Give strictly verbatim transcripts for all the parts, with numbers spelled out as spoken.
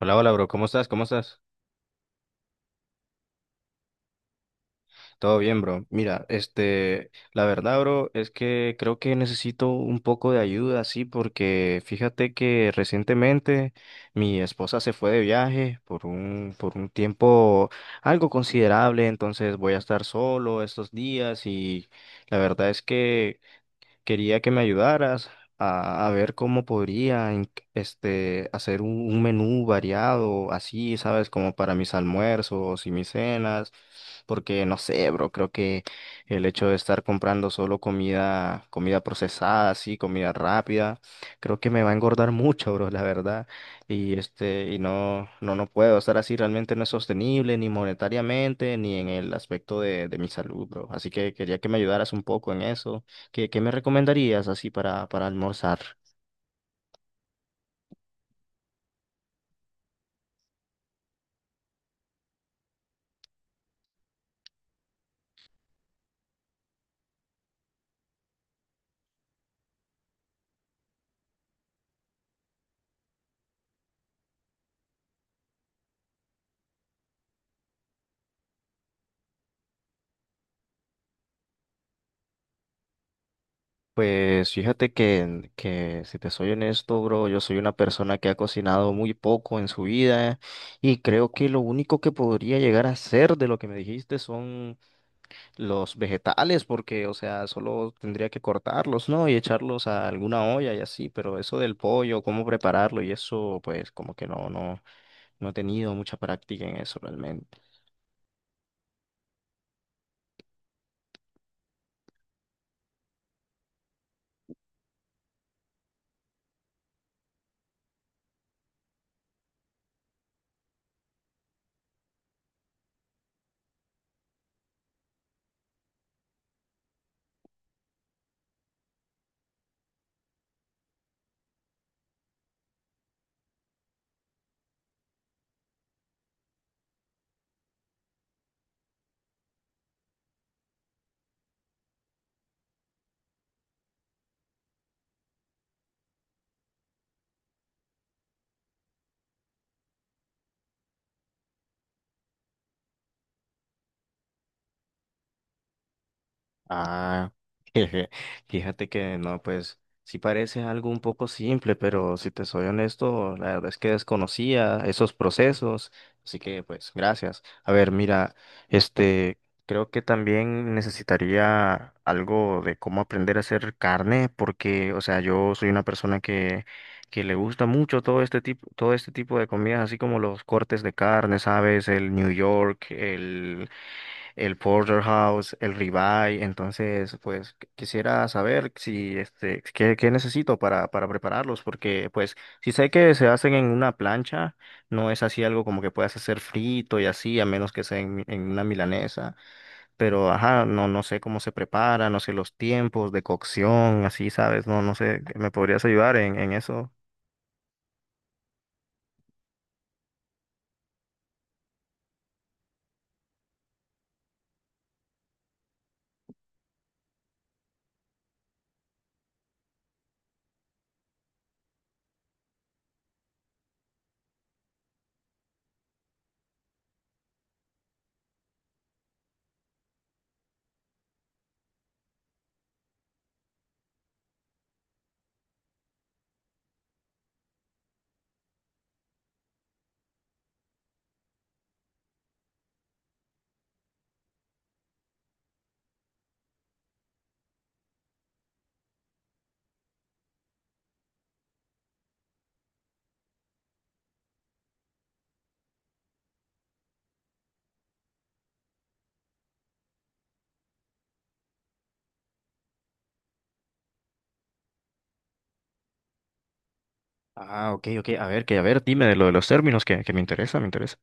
Hola, hola, bro. ¿Cómo estás? ¿Cómo estás? Todo bien, bro. Mira, este, la verdad, bro, es que creo que necesito un poco de ayuda, sí, porque fíjate que recientemente mi esposa se fue de viaje por un, por un tiempo algo considerable, entonces voy a estar solo estos días y la verdad es que quería que me ayudaras a, a ver cómo podría en- este, hacer un, un menú variado, así, ¿sabes? Como para mis almuerzos y mis cenas, porque no sé, bro, creo que el hecho de estar comprando solo comida, comida procesada, así, comida rápida, creo que me va a engordar mucho, bro, la verdad. Y este, y no, no, no puedo estar así, realmente no es sostenible, ni monetariamente, ni en el aspecto de, de mi salud, bro. Así que quería que me ayudaras un poco en eso. ¿Qué, qué me recomendarías así para, para almorzar? Pues fíjate que, que si te soy honesto, bro, yo soy una persona que ha cocinado muy poco en su vida y creo que lo único que podría llegar a hacer de lo que me dijiste son los vegetales, porque, o sea, solo tendría que cortarlos, ¿no? Y echarlos a alguna olla y así, pero eso del pollo, cómo prepararlo y eso, pues como que no, no, no he tenido mucha práctica en eso realmente. Ah, jeje, fíjate que no, pues sí parece algo un poco simple, pero si te soy honesto, la verdad es que desconocía esos procesos, así que pues gracias. A ver, mira, este, creo que también necesitaría algo de cómo aprender a hacer carne, porque, o sea, yo soy una persona que, que le gusta mucho todo este tipo, todo este tipo de comidas, así como los cortes de carne, ¿sabes? El New York, el porterhouse, el ribeye. Entonces, pues qu- quisiera saber si este qué, qué necesito para, para prepararlos, porque pues si sé que se hacen en una plancha, no es así algo como que puedas hacer frito y así, a menos que sea en, mi- en una milanesa. Pero ajá, no, no sé cómo se prepara, no sé los tiempos de cocción, así, ¿sabes? No, no sé, ¿me podrías ayudar en, en eso? Ah, ok, ok. A ver, que a ver, dime de lo de los términos que, que me interesa, me interesa.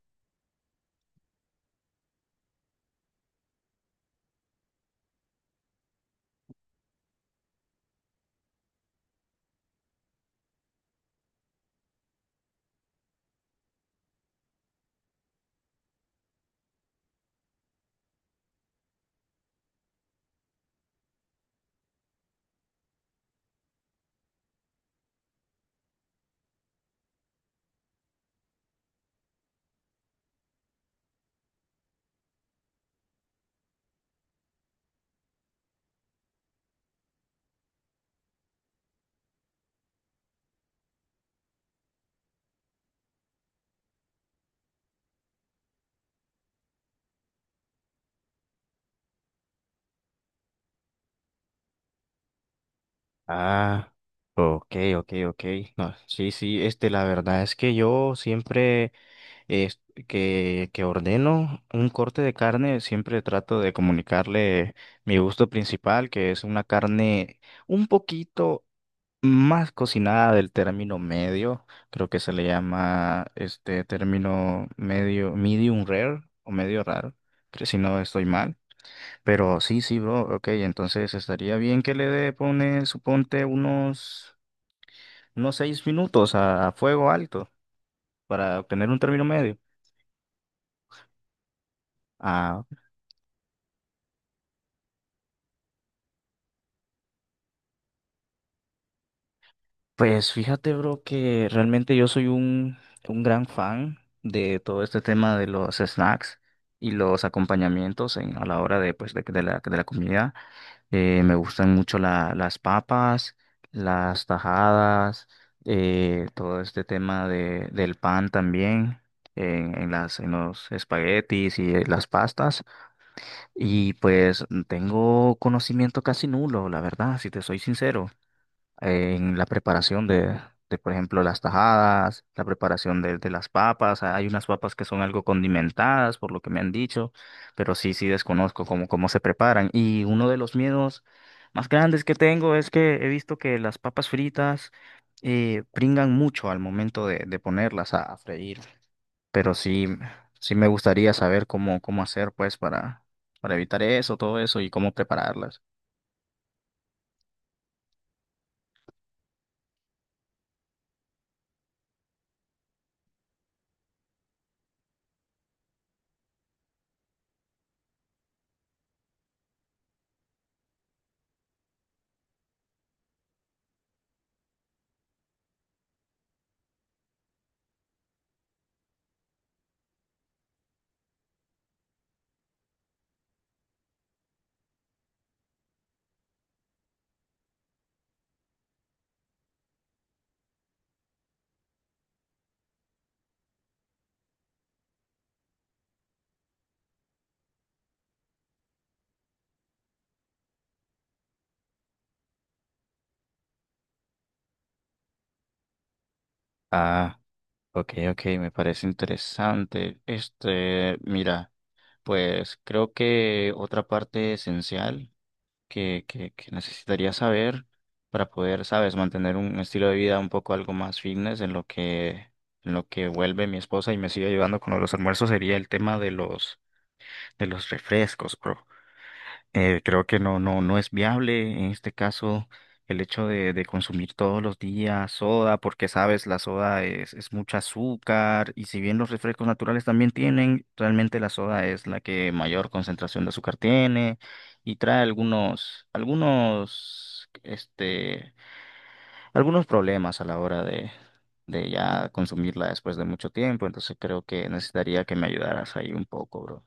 Ah, ok, ok, ok. No, sí, sí, este, la verdad es que yo siempre es- que, que ordeno un corte de carne, siempre trato de comunicarle mi gusto principal, que es una carne un poquito más cocinada del término medio, creo que se le llama este término medio, medium rare o medio raro, creo, si no estoy mal. Pero sí, sí, bro, ok, entonces estaría bien que le dé, pone, suponte, unos, unos seis minutos a, a fuego alto para obtener un término medio. Ah, pues fíjate, bro, que realmente yo soy un, un gran fan de todo este tema de los snacks y los acompañamientos en, a la hora de, pues, de, de la, de la comida. Eh, me gustan mucho la- las papas, las tajadas, eh, todo este tema de, del pan también, en, en las, en los espaguetis y eh, las pastas. Y pues mm, tengo conocimiento casi nulo, la verdad, si te soy sincero en la preparación de, de, por ejemplo, las tajadas, la preparación de, de las papas. Hay unas papas que son algo condimentadas, por lo que me han dicho, pero sí, sí desconozco cómo, cómo se preparan. Y uno de los miedos más grandes que tengo es que he visto que las papas fritas eh, pringan mucho al momento de, de ponerlas a, a freír. Pero sí, sí me gustaría saber cómo, cómo hacer, pues, para, para evitar eso, todo eso y cómo prepararlas. Ah. Ok, ok, me parece interesante. Este, mira, pues creo que otra parte esencial que, que, que necesitaría saber para poder, sabes, mantener un estilo de vida un poco algo más fitness en lo que, en lo que vuelve mi esposa y me sigue ayudando con los almuerzos sería el tema de los, de los refrescos, bro. Eh, creo que no, no, no es viable en este caso el hecho de, de consumir todos los días soda, porque sabes, la soda es, es mucho azúcar y si bien los refrescos naturales también tienen, realmente la soda es la que mayor concentración de azúcar tiene y trae algunos, algunos, este, algunos problemas a la hora de, de ya consumirla después de mucho tiempo, entonces creo que necesitaría que me ayudaras ahí un poco, bro.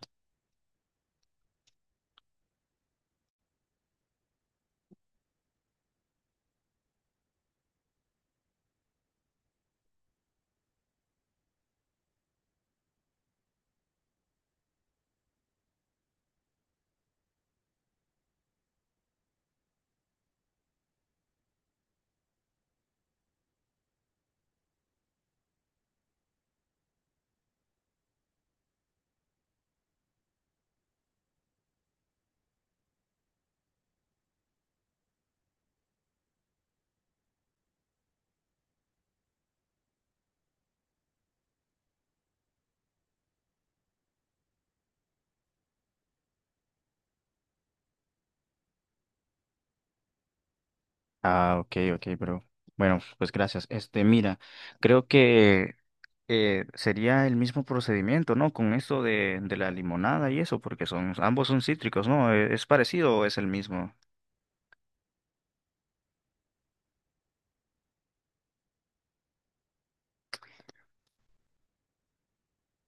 Ah, ok, ok, bro. Bueno, pues gracias. Este, mira, creo que eh, sería el mismo procedimiento, ¿no? Con esto de, de la limonada y eso, porque son, ambos son cítricos, ¿no? ¿E- Es parecido o es el mismo?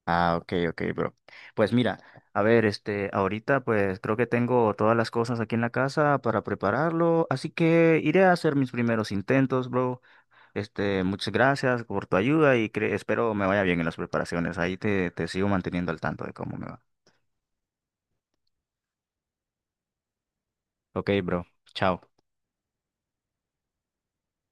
Ah, ok, ok, bro. Pues mira, a ver, este, ahorita pues creo que tengo todas las cosas aquí en la casa para prepararlo, así que iré a hacer mis primeros intentos, bro. Este, muchas gracias por tu ayuda y cre- espero me vaya bien en las preparaciones. Ahí te, te sigo manteniendo al tanto de cómo me va. Ok, bro. Chao.